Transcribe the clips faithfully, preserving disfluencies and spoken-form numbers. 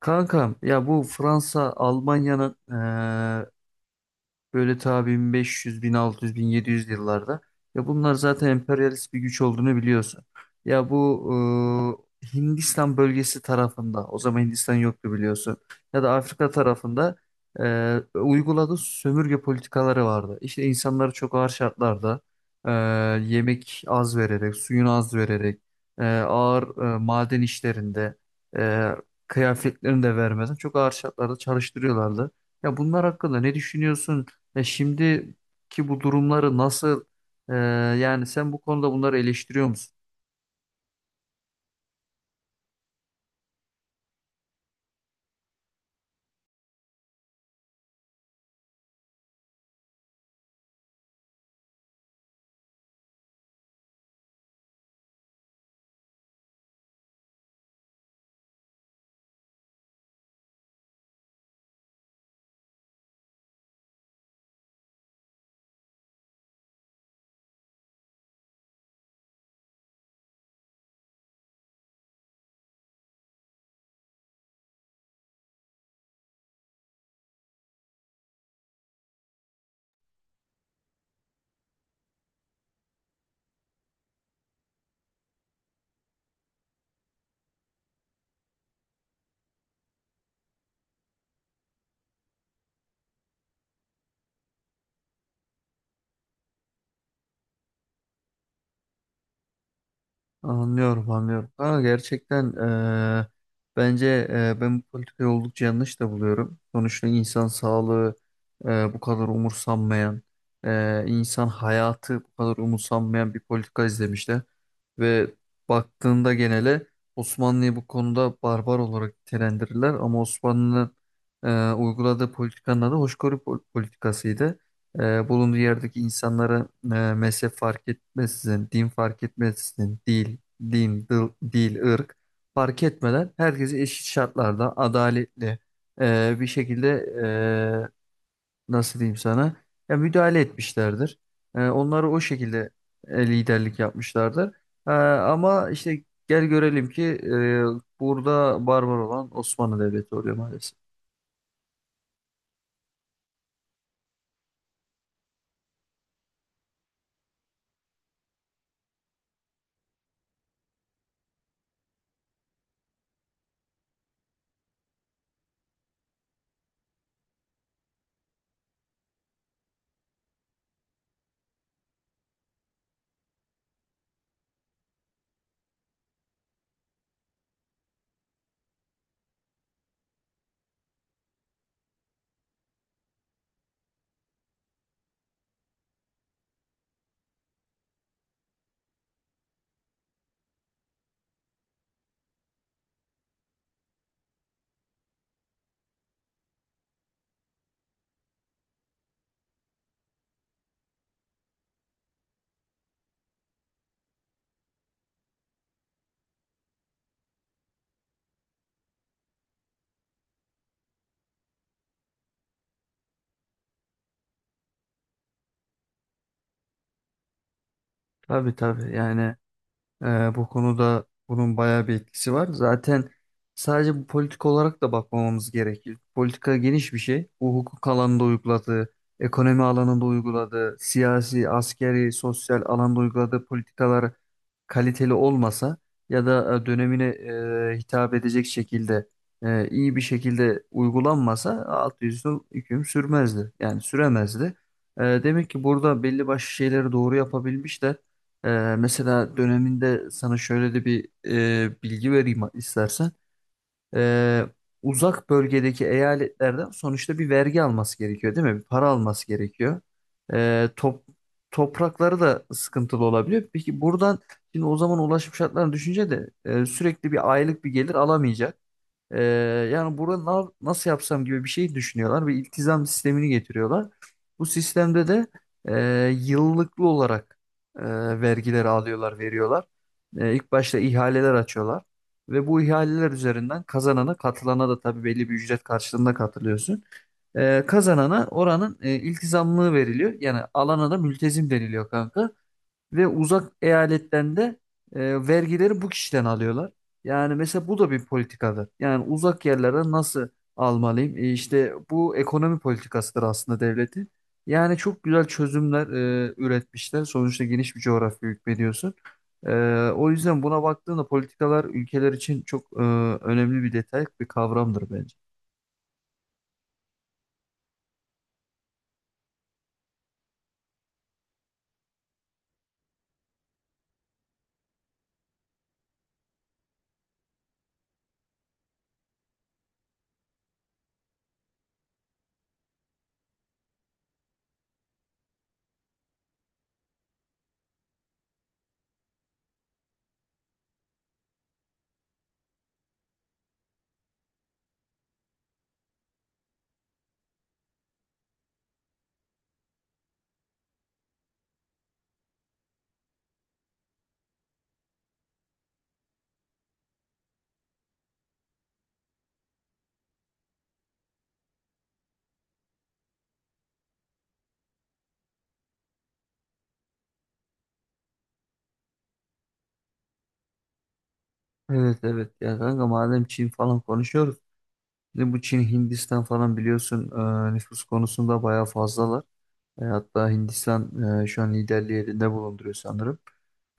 Kankam ya bu Fransa Almanya'nın böyle ta bin beş yüz, bin altı yüz, bin yedi yüz yıllarda. Ya bunlar zaten emperyalist bir güç olduğunu biliyorsun. Ya bu e, Hindistan bölgesi tarafında, o zaman Hindistan yoktu biliyorsun. Ya da Afrika tarafında e, uyguladığı sömürge politikaları vardı. İşte insanları çok ağır şartlarda e, yemek az vererek, suyunu az vererek, e, ağır e, maden işlerinde, e, kıyafetlerini de vermeden çok ağır şartlarda çalıştırıyorlardı. Ya bunlar hakkında ne düşünüyorsun? E şimdiki bu durumları nasıl e, yani sen bu konuda bunları eleştiriyor musun? Anlıyorum, anlıyorum. Ama gerçekten e, bence e, ben bu politikayı oldukça yanlış da buluyorum. Sonuçta insan sağlığı e, bu kadar umursanmayan, e, insan hayatı bu kadar umursanmayan bir politika izlemişler. Ve baktığında genele Osmanlı'yı bu konuda barbar olarak nitelendirirler. Ama Osmanlı'nın e, uyguladığı politikanın adı hoşgörü pol- politikasıydı. E, bulunduğu yerdeki insanlara e, mezhep fark etmeksizin, din fark etmeksizin, dil, din, dil, dil, ırk fark etmeden herkesi eşit şartlarda adaletli e, bir şekilde, e, nasıl diyeyim sana, ya müdahale etmişlerdir. E, onları o şekilde e, liderlik yapmışlardır. E, ama işte gel görelim ki e, burada barbar olan Osmanlı Devleti oluyor maalesef. Tabii, tabii, yani Ee, bu konuda bunun bayağı bir etkisi var. Zaten sadece bu politik olarak da bakmamamız gerekir. Politika geniş bir şey. Bu hukuk alanında uyguladığı, ekonomi alanında uyguladığı, siyasi, askeri, sosyal alanda uyguladığı politikalar kaliteli olmasa ya da e, dönemine e, hitap edecek şekilde e, iyi bir şekilde uygulanmasa altı yüz yıl hüküm sürmezdi. Yani süremezdi. E, demek ki burada belli başlı şeyleri doğru yapabilmişler. Ee, mesela döneminde sana şöyle de bir e, bilgi vereyim istersen. Ee, Uzak bölgedeki eyaletlerden sonuçta bir vergi alması gerekiyor, değil mi? Bir para alması gerekiyor. Ee, top, Toprakları da sıkıntılı olabiliyor. Peki buradan şimdi o zaman ulaşım şartlarını düşünce de e, sürekli bir aylık bir gelir alamayacak. Ee, Yani burada na- nasıl yapsam gibi bir şey düşünüyorlar ve iltizam sistemini getiriyorlar. Bu sistemde de e, yıllıklı olarak e, vergileri alıyorlar, veriyorlar. E, ilk başta ihaleler açıyorlar ve bu ihaleler üzerinden kazanana, katılana da tabii belli bir ücret karşılığında katılıyorsun. E, kazanana oranın e, iltizamlığı veriliyor. Yani alana da mültezim deniliyor kanka. Ve uzak eyaletlerinde e, vergileri bu kişiden alıyorlar. Yani mesela bu da bir politikadır. Yani uzak yerlere nasıl almalıyım? E, işte bu ekonomi politikasıdır aslında devletin. Yani çok güzel çözümler e, üretmişler. Sonuçta geniş bir coğrafya hükmediyorsun. E, O yüzden buna baktığında politikalar ülkeler için çok e, önemli bir detay, bir kavramdır bence. Evet, evet ya kanka, madem Çin falan konuşuyoruz. Şimdi bu Çin Hindistan falan biliyorsun e, nüfus konusunda bayağı fazlalar. E, hatta Hindistan e, şu an liderliği elinde bulunduruyor sanırım.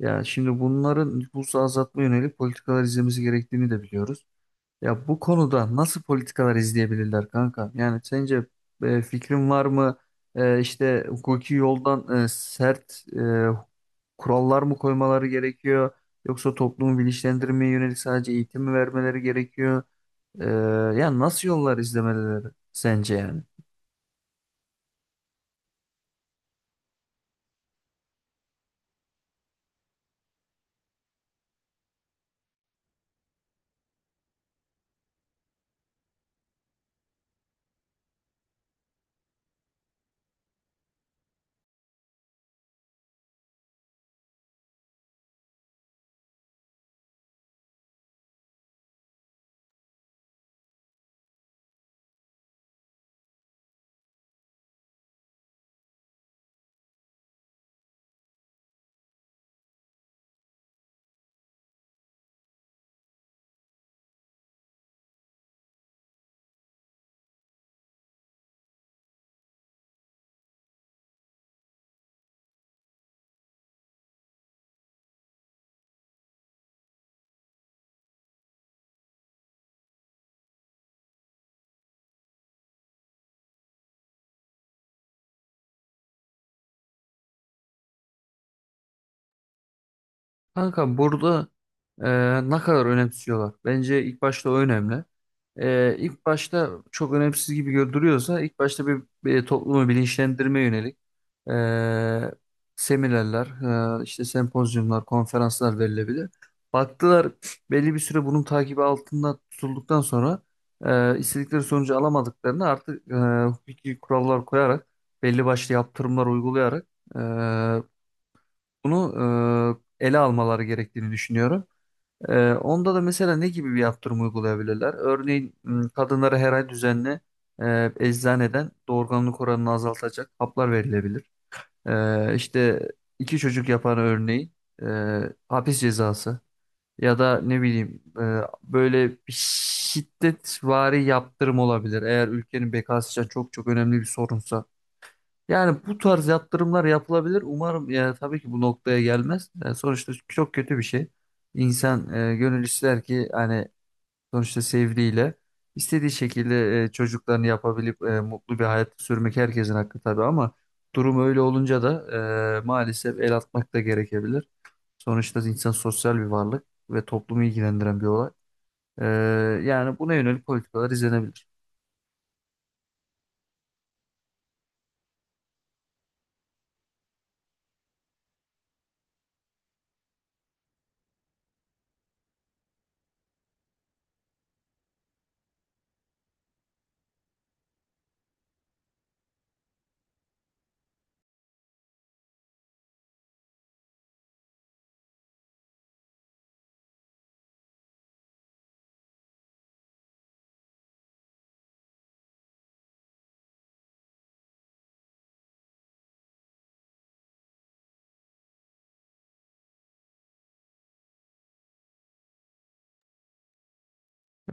Ya şimdi bunların nüfusu azaltma yönelik politikalar izlemesi gerektiğini de biliyoruz. Ya bu konuda nasıl politikalar izleyebilirler kanka? Yani sence e, fikrin var mı? E, işte hukuki yoldan e, sert e, kurallar mı koymaları gerekiyor? Yoksa toplumu bilinçlendirmeye yönelik sadece eğitim mi vermeleri gerekiyor? E, Yani nasıl yollar izlemeleri sence yani? Kanka burada e, ne kadar önemsiyorlar? Bence ilk başta o önemli. E, ilk başta çok önemsiz gibi görünüyorsa ilk başta bir, bir toplumu bilinçlendirmeye yönelik e, seminerler, e, işte sempozyumlar, konferanslar verilebilir. Baktılar, belli bir süre bunun takibi altında tutulduktan sonra e, istedikleri sonucu alamadıklarını artık e, hukuki kurallar koyarak belli başlı yaptırımlar uygulayarak bunu e, ele almaları gerektiğini düşünüyorum. E, onda da mesela ne gibi bir yaptırım uygulayabilirler? Örneğin m, kadınlara her ay düzenli e, eczaneden doğurganlık oranını azaltacak haplar verilebilir. E, işte iki çocuk yapan örneğin e, hapis cezası ya da ne bileyim, e, böyle bir şiddetvari yaptırım olabilir. Eğer ülkenin bekası için çok çok önemli bir sorunsa. Yani bu tarz yatırımlar yapılabilir. Umarım ya tabii ki bu noktaya gelmez. E, sonuçta çok kötü bir şey. İnsan, e, gönül ister ki hani sonuçta sevdiğiyle istediği şekilde e, çocuklarını yapabilip e, mutlu bir hayat sürmek herkesin hakkı tabii ama durum öyle olunca da e, maalesef el atmak da gerekebilir. Sonuçta insan sosyal bir varlık ve toplumu ilgilendiren bir olay. E, Yani buna yönelik politikalar izlenebilir.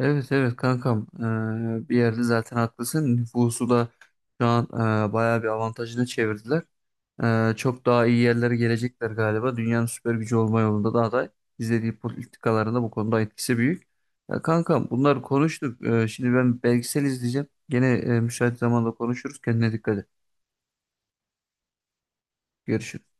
Evet, evet kankam. Ee, bir yerde zaten haklısın, nüfusu da şu an e, bayağı bir avantajını çevirdiler. Ee, çok daha iyi yerlere gelecekler galiba, dünyanın süper gücü olma yolunda da aday, izlediği politikalarında bu konuda etkisi büyük. Ya kankam, bunları konuştuk. Ee, şimdi ben belgesel izleyeceğim gene, e, müsait zamanda konuşuruz, kendine dikkat et, görüşürüz.